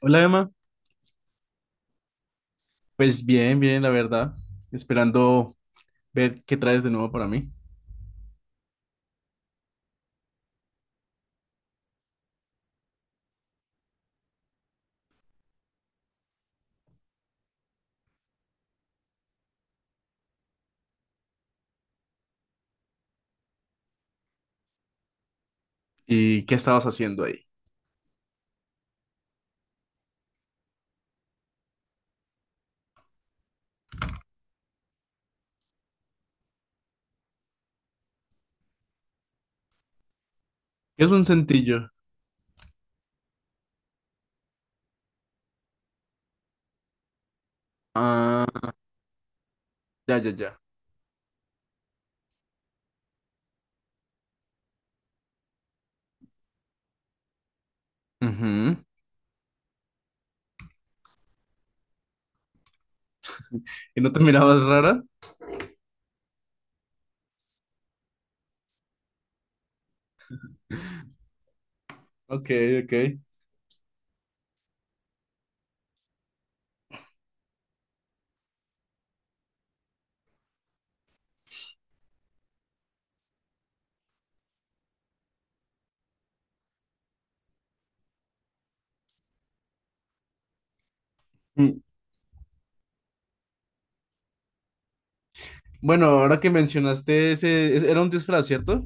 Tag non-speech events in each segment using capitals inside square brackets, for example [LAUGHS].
Hola Emma, pues bien, bien, la verdad. Esperando ver qué traes de nuevo para mí. Y qué estabas haciendo ahí. ¿Qué es un centillo? Ah, ya, ya, ya. Ujú. ¿Y no te mirabas rara? Ok, ok. Mm. Bueno, ahora que mencionaste era un disfraz, ¿cierto?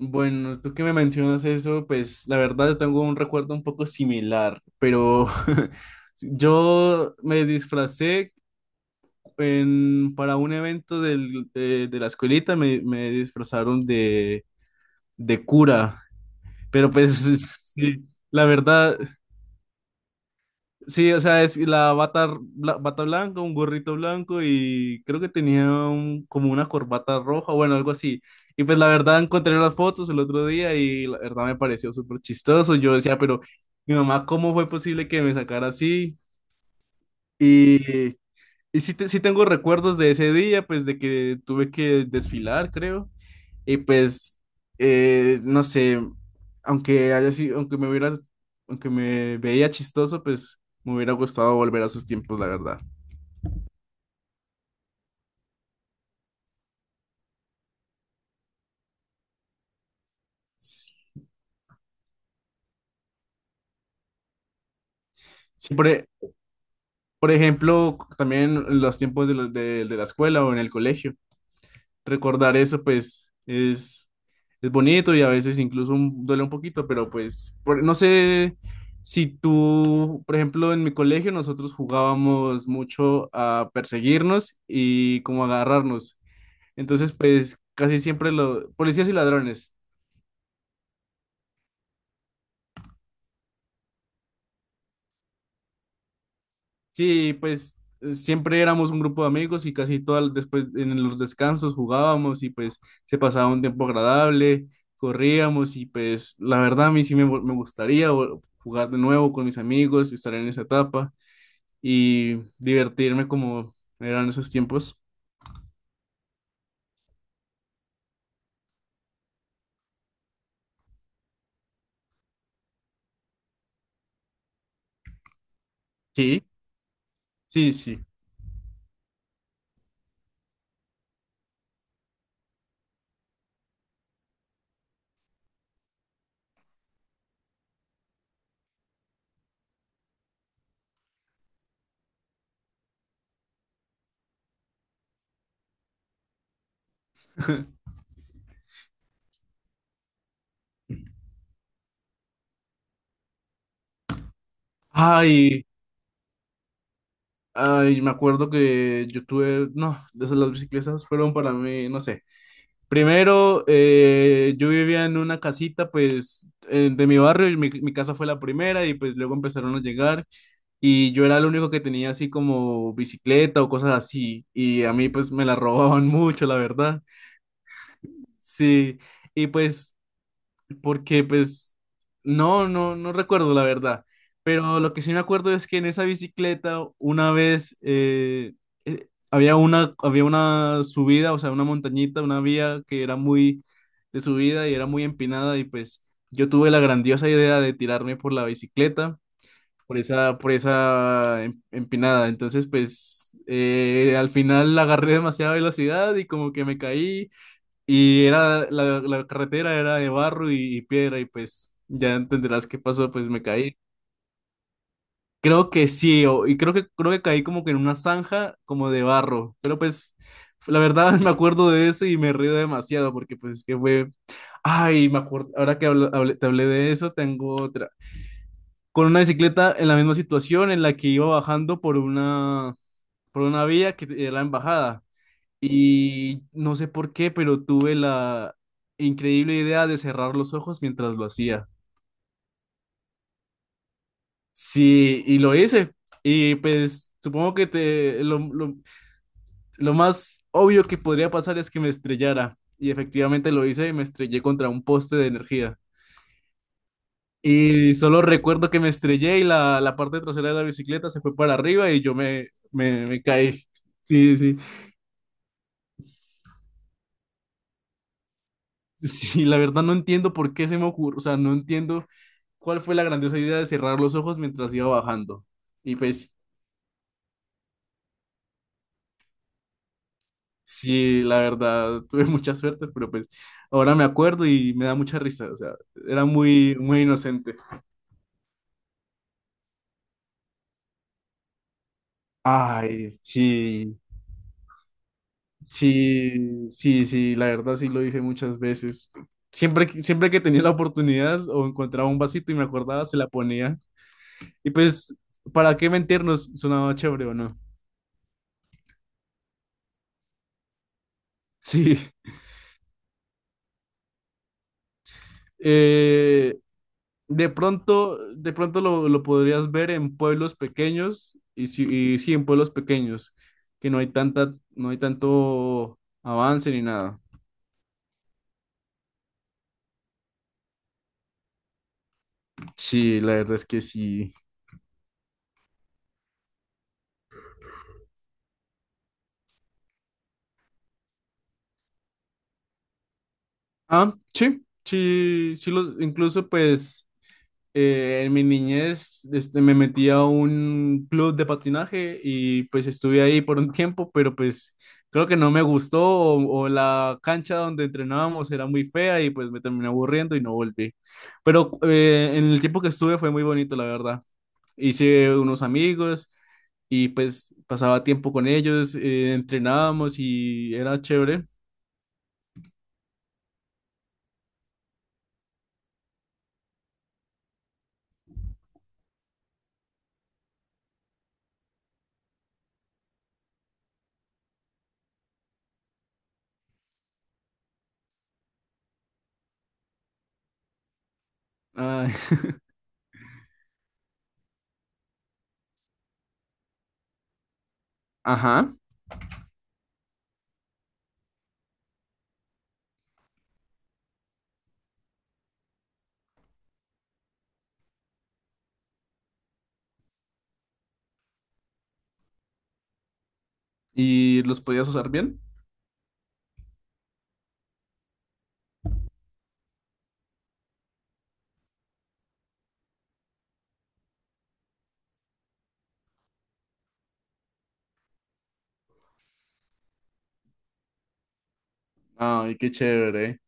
Bueno, tú que me mencionas eso, pues la verdad yo tengo un recuerdo un poco similar, pero [LAUGHS] yo me disfracé para un evento de la escuelita me disfrazaron de cura, pero pues [LAUGHS] sí, la verdad, sí, o sea, es la bata, bata blanca, un gorrito blanco y creo que tenía como una corbata roja, bueno, algo así. Y pues la verdad encontré las fotos el otro día y la verdad me pareció súper chistoso. Yo decía, pero mi mamá, ¿cómo fue posible que me sacara así? Y Y sí, sí tengo recuerdos de ese día, pues de que tuve que desfilar, creo. Y pues, no sé, aunque haya sido, aunque me veía chistoso, pues me hubiera gustado volver a esos tiempos, la verdad. Sí, por ejemplo, también en los tiempos de la escuela o en el colegio. Recordar eso, pues, es bonito y a veces incluso duele un poquito, pero no sé si tú, por ejemplo, en mi colegio nosotros jugábamos mucho a perseguirnos y como agarrarnos. Entonces, pues casi siempre los policías y ladrones. Sí, pues siempre éramos un grupo de amigos y casi todas después en los descansos jugábamos y pues se pasaba un tiempo agradable, corríamos y pues la verdad a mí sí me gustaría jugar de nuevo con mis amigos, estar en esa etapa y divertirme como eran esos tiempos. Sí, sí, sí. Ay, ay, me acuerdo que yo tuve, no, esas las bicicletas fueron para mí, no sé. Primero, yo vivía en una casita, pues, de mi barrio y mi casa fue la primera y pues luego empezaron a llegar y yo era el único que tenía así como bicicleta o cosas así y a mí pues me la robaban [LAUGHS] mucho, la verdad. Sí, y pues porque pues no recuerdo la verdad, pero lo que sí me acuerdo es que en esa bicicleta una vez había una subida, o sea, una montañita, una vía que era muy de subida y era muy empinada y pues yo tuve la grandiosa idea de tirarme por la bicicleta, por esa empinada, entonces pues al final agarré demasiada velocidad y como que me caí y era la carretera era de barro y piedra y pues ya entenderás qué pasó, pues me caí. Creo que sí, y creo que caí como que en una zanja como de barro, pero pues la verdad [LAUGHS] me acuerdo de eso y me río demasiado porque pues que fue, ay, me acuerdo, ahora que te hablé de eso, tengo otra. Con una bicicleta en la misma situación en la que iba bajando por una vía que era la embajada. Y no sé por qué, pero tuve la increíble idea de cerrar los ojos mientras lo hacía. Sí, y lo hice. Y pues supongo que lo más obvio que podría pasar es que me estrellara. Y efectivamente lo hice y me estrellé contra un poste de energía. Y solo recuerdo que me estrellé y la parte trasera de la bicicleta se fue para arriba y yo me caí. Sí, sí. Sí, la verdad no entiendo por qué se me ocurrió, o sea, no entiendo cuál fue la grandiosa idea de cerrar los ojos mientras iba bajando. Y pues sí, la verdad, [LAUGHS] tuve mucha suerte, pero pues ahora me acuerdo y me da mucha risa, o sea, era muy, muy inocente. Ay, sí, sí, sí, sí, la verdad sí lo hice muchas veces. Siempre, siempre que tenía la oportunidad o encontraba un vasito y me acordaba, se la ponía. Y pues, ¿para qué mentirnos? Sonaba chévere o no. Sí. Eh, de pronto lo podrías ver en pueblos pequeños y sí, en pueblos pequeños, que no hay tanta, no hay tanto avance ni nada. Sí, la verdad es que sí. Ah, sí, sí, sí los, incluso pues en mi niñez este, me metí a un club de patinaje y pues estuve ahí por un [LAUGHS] tiempo, pero pues creo que no me gustó o la cancha donde entrenábamos era muy fea y pues me terminé aburriendo y no volví. Pero en el tiempo que estuve fue muy bonito, la verdad. Hice unos amigos y pues pasaba tiempo con ellos, entrenábamos y era chévere. Ay, [LAUGHS] ajá, y los podías usar bien. Ay, qué chévere.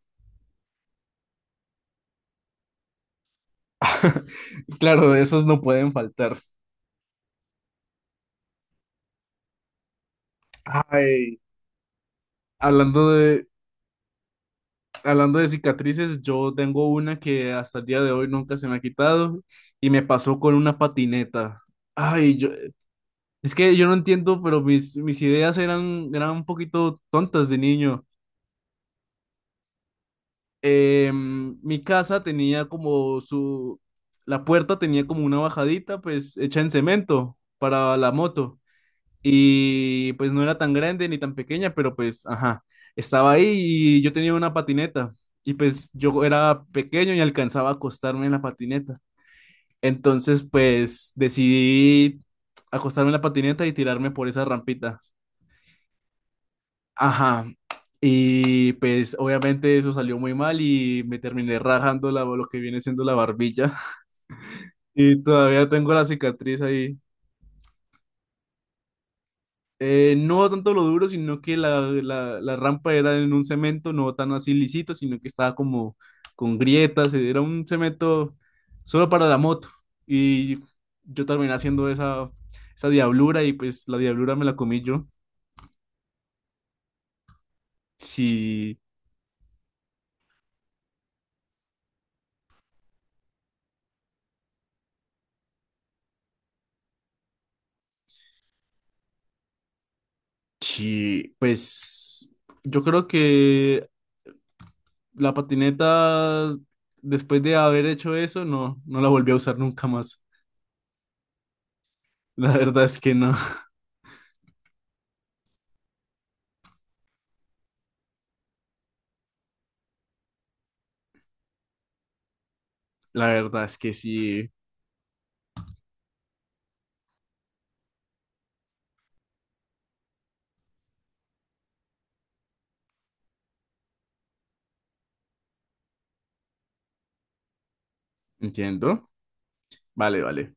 Claro, esos no pueden faltar. Ay, hablando de, hablando de cicatrices, yo tengo una que hasta el día de hoy nunca se me ha quitado y me pasó con una patineta. Ay, yo, es que yo no entiendo, pero mis ideas eran, eran un poquito tontas de niño. Mi casa tenía como su, la puerta tenía como una bajadita, pues hecha en cemento para la moto. Y pues no era tan grande ni tan pequeña, pero pues, ajá, estaba ahí y yo tenía una patineta. Y pues yo era pequeño y alcanzaba a acostarme en la patineta. Entonces, pues decidí acostarme en la patineta y tirarme por esa rampita. Ajá. Y pues obviamente eso salió muy mal y me terminé rajando la, lo que viene siendo la barbilla. [LAUGHS] Y todavía tengo la cicatriz ahí. No tanto lo duro, sino que la rampa era en un cemento no tan así lisito, sino que estaba como con grietas, era un cemento solo para la moto. Y yo terminé haciendo esa, esa diablura y pues la diablura me la comí yo. Sí, sí, pues yo creo que la patineta, después de haber hecho eso, no, no la volví a usar nunca más. La verdad es que no, [LAUGHS] la verdad es que sí, entiendo. Vale, vale.